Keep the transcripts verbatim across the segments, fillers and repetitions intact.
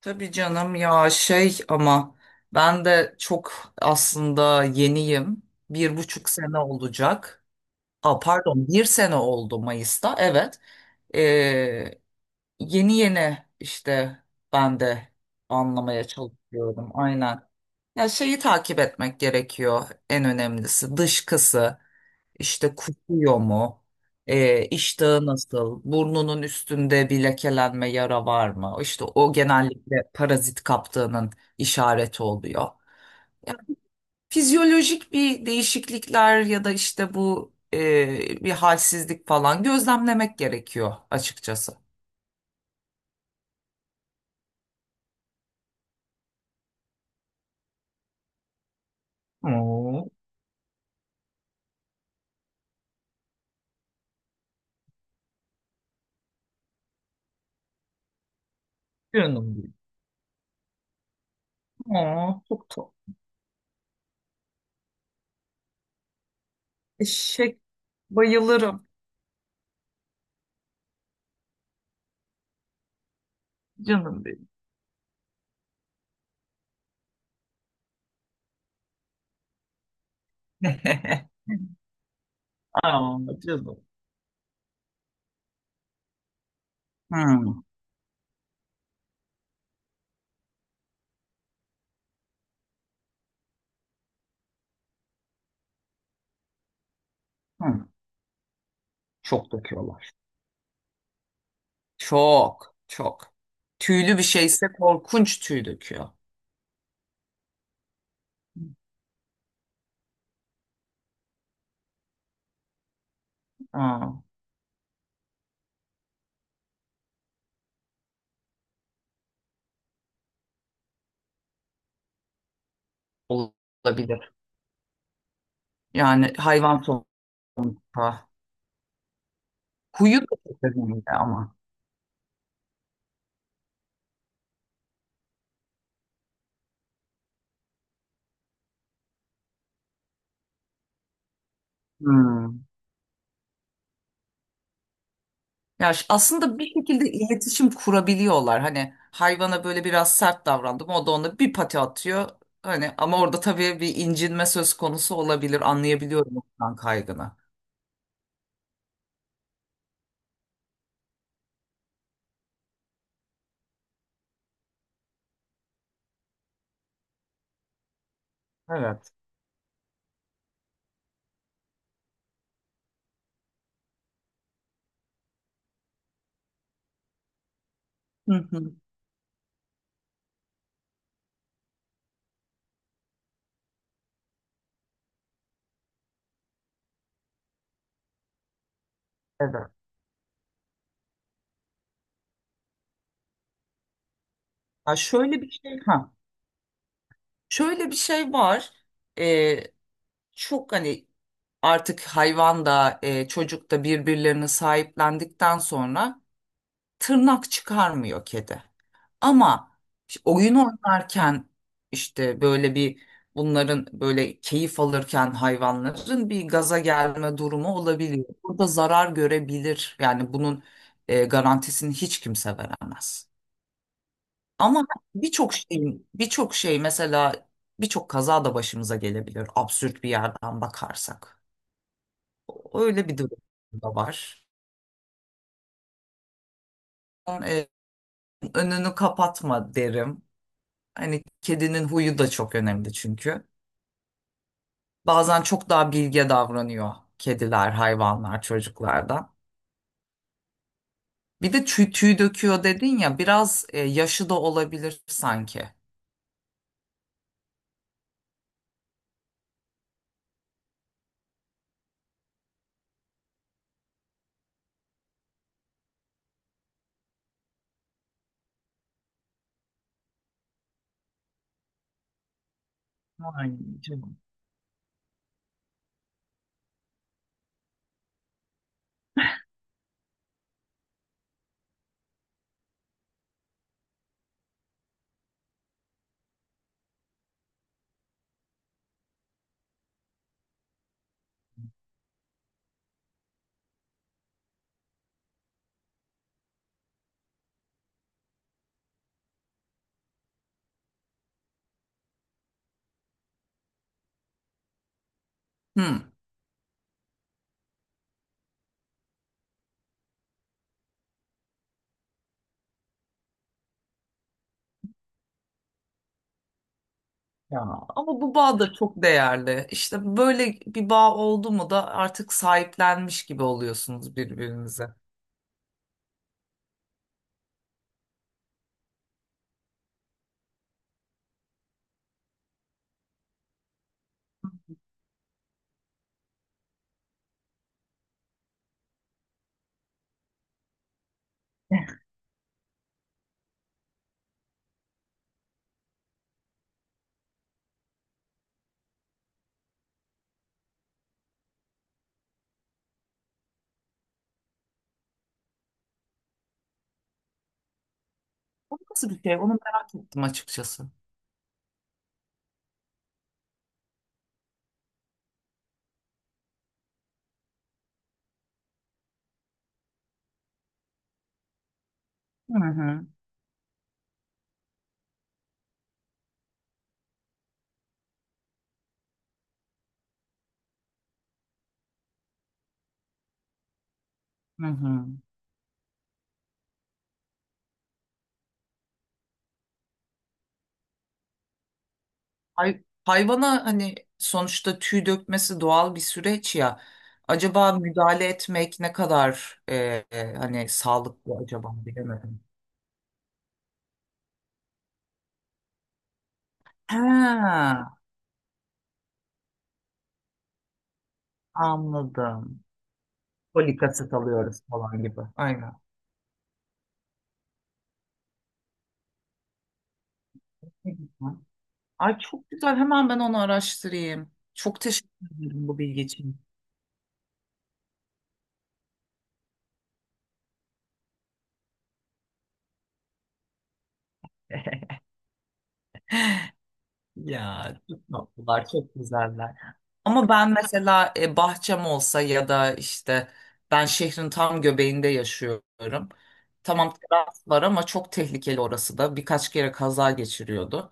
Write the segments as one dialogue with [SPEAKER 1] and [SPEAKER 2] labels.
[SPEAKER 1] Tabii canım ya şey ama ben de çok aslında yeniyim. Bir buçuk sene olacak. Aa, pardon bir sene oldu Mayıs'ta evet. Ee, yeni yeni işte ben de anlamaya çalışıyorum aynen. Ya şeyi takip etmek gerekiyor en önemlisi dışkısı. İşte kusuyor mu? E, iştahı nasıl? Burnunun üstünde bir lekelenme yara var mı? İşte o genellikle parazit kaptığının işareti oluyor. Fizyolojik bir değişiklikler ya da işte bu e, bir halsizlik falan gözlemlemek gerekiyor açıkçası. Oo, canım benim. Oo, çok tatlı. Eşek bayılırım canım benim. Aa, canım. Hmm, hmm. Çok döküyorlar. Çok, çok. Tüylü bir şeyse korkunç tüy döküyor. Aa, olabilir. Yani hayvan sonuçta. Kuyu da çok önemli ama. Hmm. Ya ş- aslında bir şekilde iletişim kurabiliyorlar. Hani hayvana böyle biraz sert davrandım. O da ona bir pati atıyor. Hani ama orada tabii bir incinme söz konusu olabilir. Anlayabiliyorum ondan kaygını. Evet. Hı hı. Evet. Ha şöyle bir şey ha. Şöyle bir şey var. Ee, çok hani artık hayvan da e, çocuk da birbirlerini sahiplendikten sonra tırnak çıkarmıyor kedi. Ama işte oyun oynarken işte böyle bir bunların böyle keyif alırken hayvanların bir gaza gelme durumu olabiliyor. Burada zarar görebilir. Yani bunun e, garantisini hiç kimse veremez. Ama birçok şeyin birçok şey mesela birçok kaza da başımıza gelebilir absürt bir yerden bakarsak. Öyle bir durum da var. E, önünü kapatma derim. Hani kedinin huyu da çok önemli çünkü. Bazen çok daha bilge davranıyor kediler, hayvanlar çocuklardan. Bir de tüy, tüy döküyor dedin ya biraz e, yaşı da olabilir sanki. Ay canım Hmm. ya. Ama bu bağ da çok değerli. İşte böyle bir bağ oldu mu da artık sahiplenmiş gibi oluyorsunuz birbirinize. O nasıl bir şey? Onu merak ettim açıkçası. Hı hı. Hı hı. Hay- hayvana hani sonuçta tüy dökmesi doğal bir süreç ya. Acaba müdahale etmek ne kadar e, e, hani sağlıklı acaba bilemedim. Ha, anladım. Folik alıyoruz falan gibi. Aynen. Ne güzel. Ay çok güzel. Hemen ben onu araştırayım. Çok teşekkür ederim bu bilgi için. Ya çok tatlılar, çok güzeller. Ama ben mesela e, bahçem olsa ya da işte ben şehrin tam göbeğinde yaşıyorum. Tamam teras var ama çok tehlikeli orası da. Birkaç kere kaza geçiriyordu.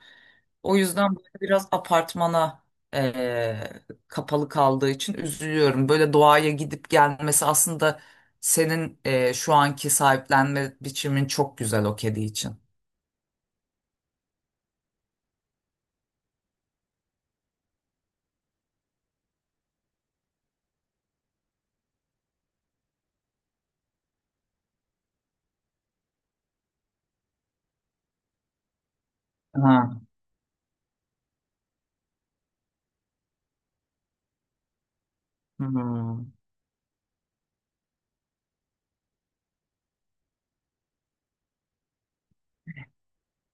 [SPEAKER 1] O yüzden böyle biraz apartmana e, kapalı kaldığı için üzülüyorum. Böyle doğaya gidip gelmesi aslında senin e, şu anki sahiplenme biçimin çok güzel o kedi için. Ha. Hmm.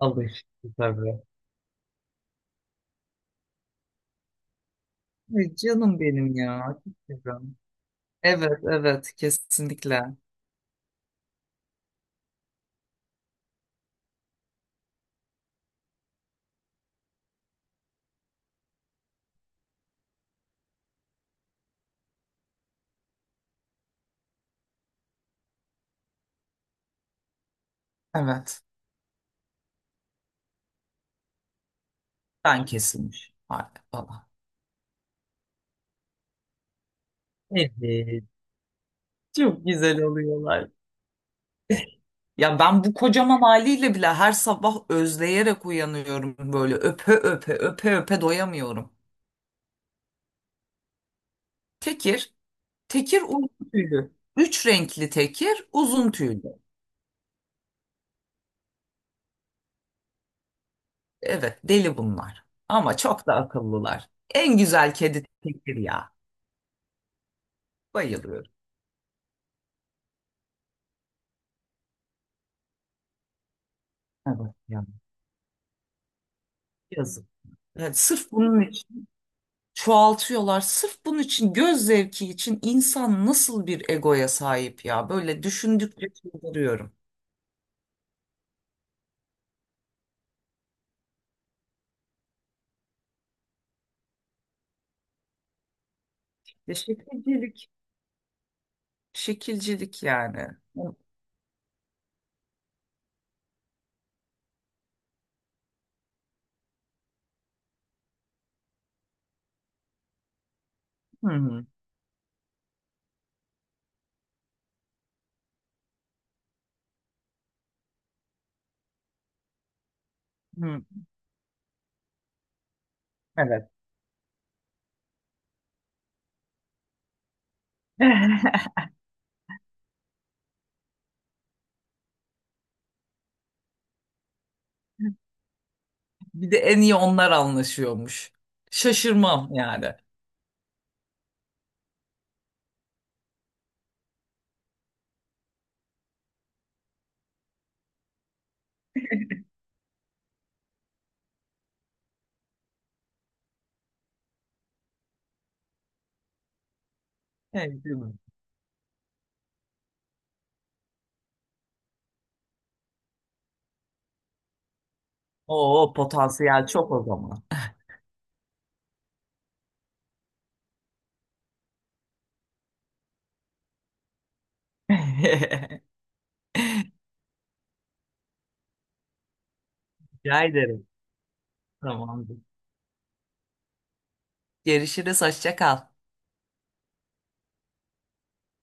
[SPEAKER 1] Alıştı tabii. Ay, canım benim ya. Çok güzel. Evet, evet, kesinlikle. Evet, ben kesilmiş. Harika falan. Evet, çok güzel oluyorlar. Ya ben bu kocaman haliyle bile her sabah özleyerek uyanıyorum böyle öpe öpe öpe öpe doyamıyorum. Tekir, tekir uzun tüylü. Üç renkli tekir uzun tüylü. Evet deli bunlar ama çok da akıllılar. En güzel kedi tekir ya. Bayılıyorum. Evet ya. Yazık. Evet, sırf bunun çoğaltıyorlar. Sırf bunun için göz zevki için insan nasıl bir egoya sahip ya? Böyle düşündükçe çıldırıyorum. Ya Şekilcilik. Şekilcilik yani. Hı hı. hı. Evet. Bir de en iyi onlar anlaşıyormuş. Şaşırmam yani. Evet, değil mi? Oo, potansiyel çok o zaman. Rica ederim. Tamamdır. Görüşürüz. Hoşça kal.